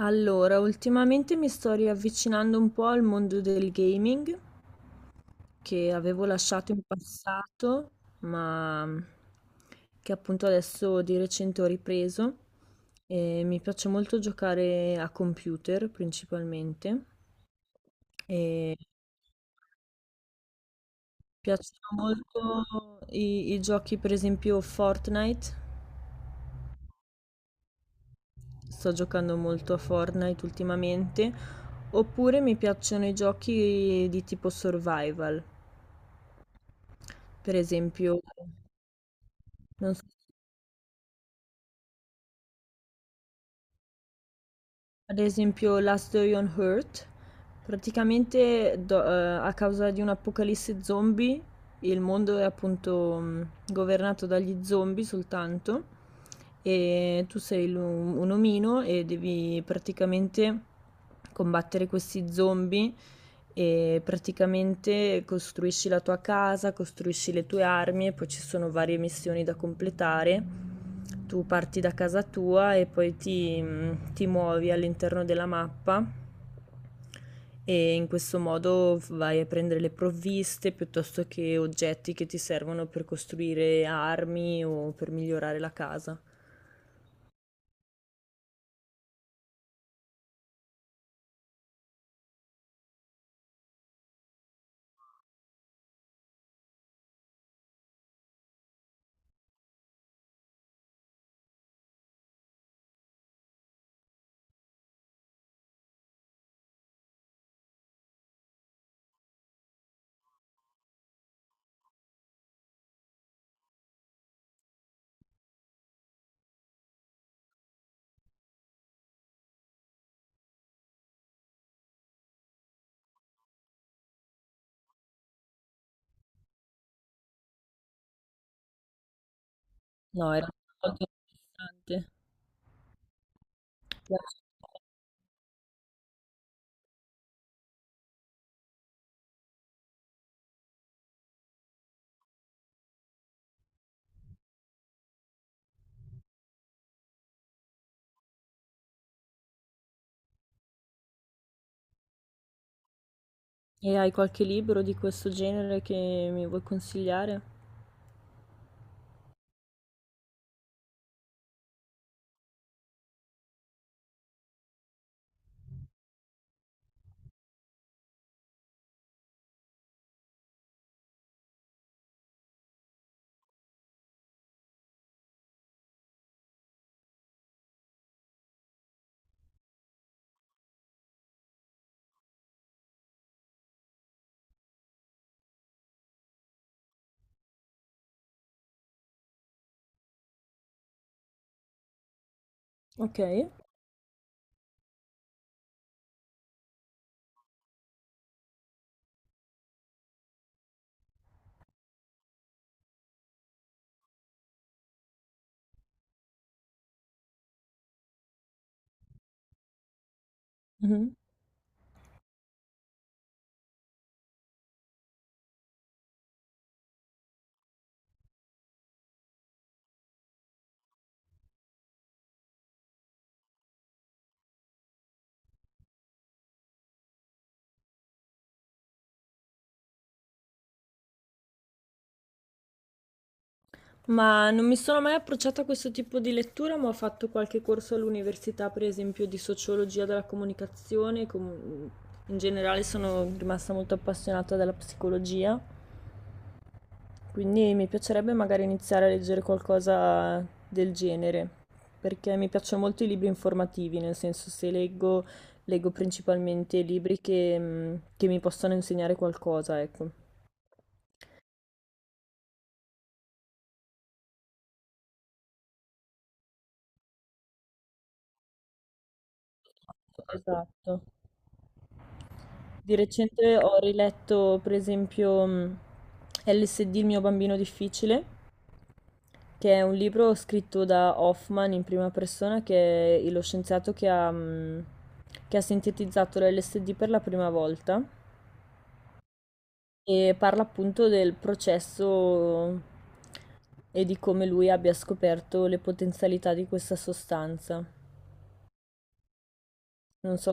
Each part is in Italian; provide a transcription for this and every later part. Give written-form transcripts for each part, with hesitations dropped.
Allora, ultimamente mi sto riavvicinando un po' al mondo del gaming che avevo lasciato in passato, ma mm, che appunto adesso di recente ho ripreso. E mi piace molto giocare a computer principalmente. E mi piacciono molto i giochi, per esempio Fortnite. Sto giocando molto a Fortnite ultimamente. Oppure mi piacciono i giochi di tipo survival. Per esempio, non so, ad esempio Last Day on Earth, praticamente a causa di un'apocalisse zombie, il mondo è appunto governato dagli zombie soltanto e un omino e devi praticamente combattere questi zombie. E praticamente costruisci la tua casa, costruisci le tue armi e poi ci sono varie missioni da completare. Tu parti da casa tua e ti muovi all'interno della mappa e in questo modo vai a prendere le provviste piuttosto che oggetti che ti servono per costruire armi o per migliorare la casa. No, era molto interessante. E hai qualche libro di questo genere che mi vuoi consigliare? Ok. Mhm. Ma non mi sono mai approcciata a questo tipo di lettura, ma ho fatto qualche corso all'università, per esempio, di sociologia della comunicazione. In generale sono rimasta molto appassionata della psicologia, quindi mi piacerebbe magari iniziare a leggere qualcosa del genere, perché mi piacciono molto i libri informativi, nel senso se leggo, leggo principalmente libri che che mi possono insegnare qualcosa, ecco. Esatto. Di recente ho riletto, per esempio, LSD, il mio bambino difficile, che è un libro scritto da Hoffman in prima persona, che è lo scienziato che ha sintetizzato l'LSD per la prima volta e parla appunto del processo e di come lui abbia scoperto le potenzialità di questa sostanza. Non so.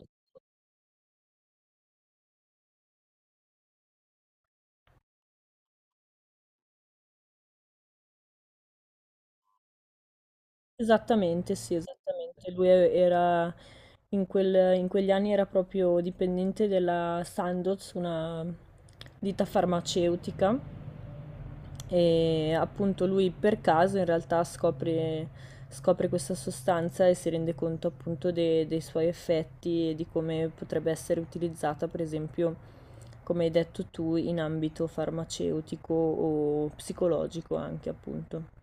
Esattamente, sì, esattamente. Lui era in quegli anni era proprio dipendente della Sandoz, una ditta farmaceutica e appunto lui per caso in realtà scopre, scopre questa sostanza e si rende conto appunto dei suoi effetti e di come potrebbe essere utilizzata, per esempio, come hai detto tu, in ambito farmaceutico o psicologico anche appunto.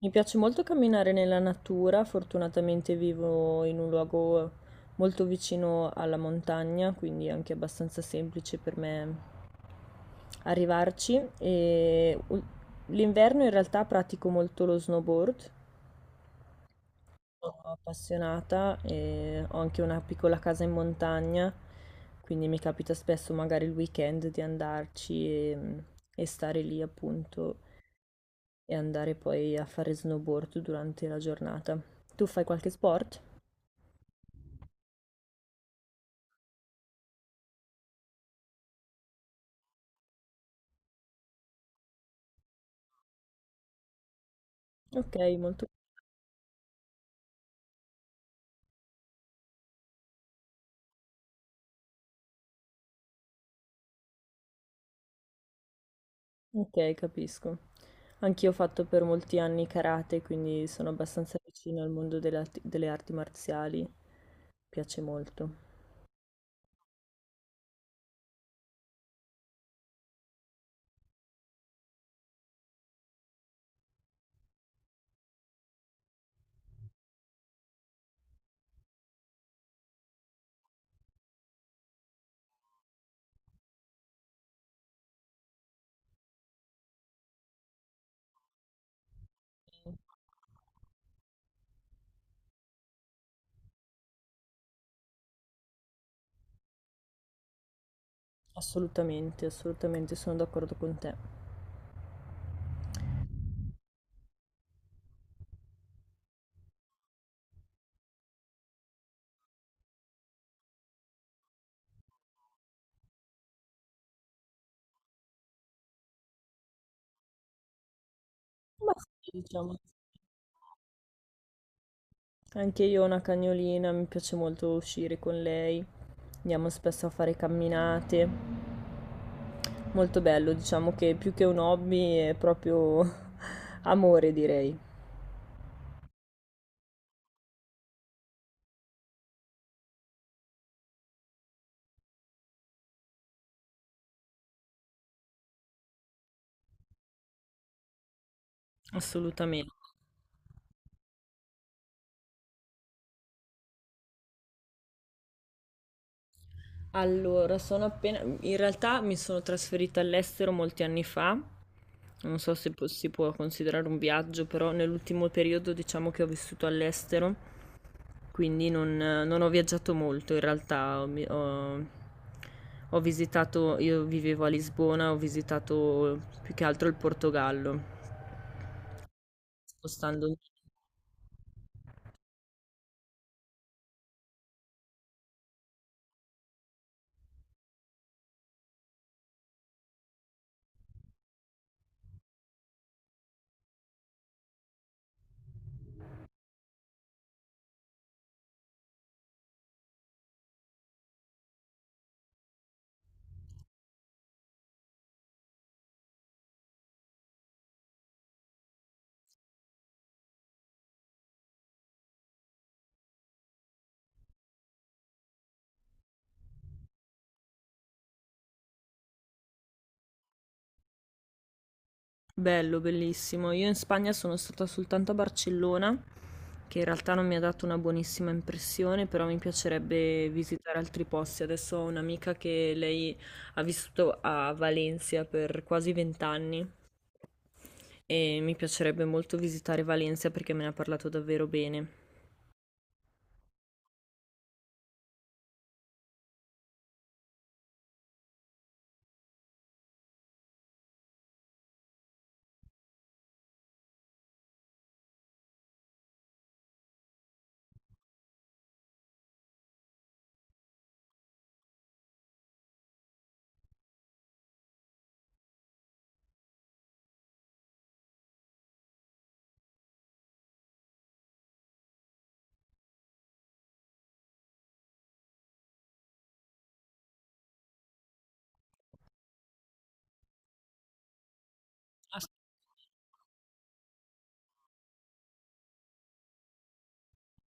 Mi piace molto camminare nella natura, fortunatamente vivo in un luogo molto vicino alla montagna, quindi è anche abbastanza semplice per me arrivarci. L'inverno in realtà pratico molto lo snowboard, sono appassionata e ho anche una piccola casa in montagna, quindi mi capita spesso magari il weekend di andarci e stare lì appunto e andare poi a fare snowboard durante la giornata. Tu fai qualche sport? Okay, molto okay, capisco. Anch'io ho fatto per molti anni karate, quindi sono abbastanza vicina al mondo delle arti marziali. Piace molto. Assolutamente, assolutamente, sono d'accordo con te. Ma sì, diciamo. Anche io ho una cagnolina, mi piace molto uscire con lei. Andiamo spesso a fare camminate. Molto bello, diciamo che più che un hobby è proprio amore, direi. Assolutamente. Allora, sono appena... In realtà mi sono trasferita all'estero molti anni fa, non so se si può considerare un viaggio, però nell'ultimo periodo diciamo che ho vissuto all'estero, quindi non, non ho viaggiato molto in realtà. Ho visitato, io vivevo a Lisbona, ho visitato più che altro il Portogallo, spostandomi. Bello, bellissimo. Io in Spagna sono stata soltanto a Barcellona, che in realtà non mi ha dato una buonissima impressione, però mi piacerebbe visitare altri posti. Adesso ho un'amica che lei ha vissuto a Valencia per quasi vent'anni e mi piacerebbe molto visitare Valencia perché me ne ha parlato davvero bene. Ah,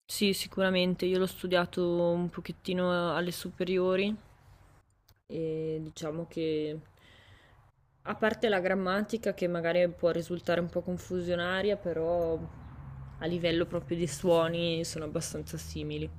sì, sicuramente. Io l'ho studiato un pochettino alle superiori e diciamo che a parte la grammatica che magari può risultare un po' confusionaria, però a livello proprio di suoni sono abbastanza simili.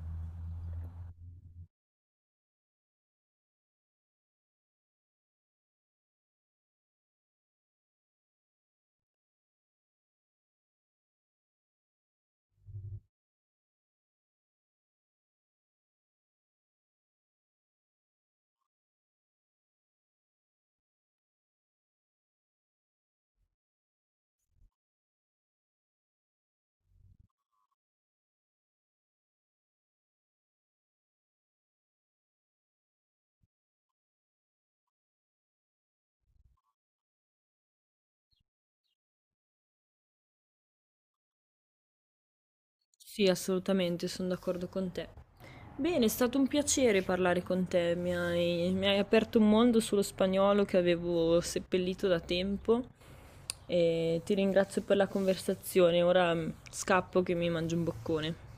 Sì, assolutamente, sono d'accordo con te. Bene, è stato un piacere parlare con te, mi hai aperto un mondo sullo spagnolo che avevo seppellito da tempo e ti ringrazio per la conversazione. Ora scappo che mi mangio un boccone.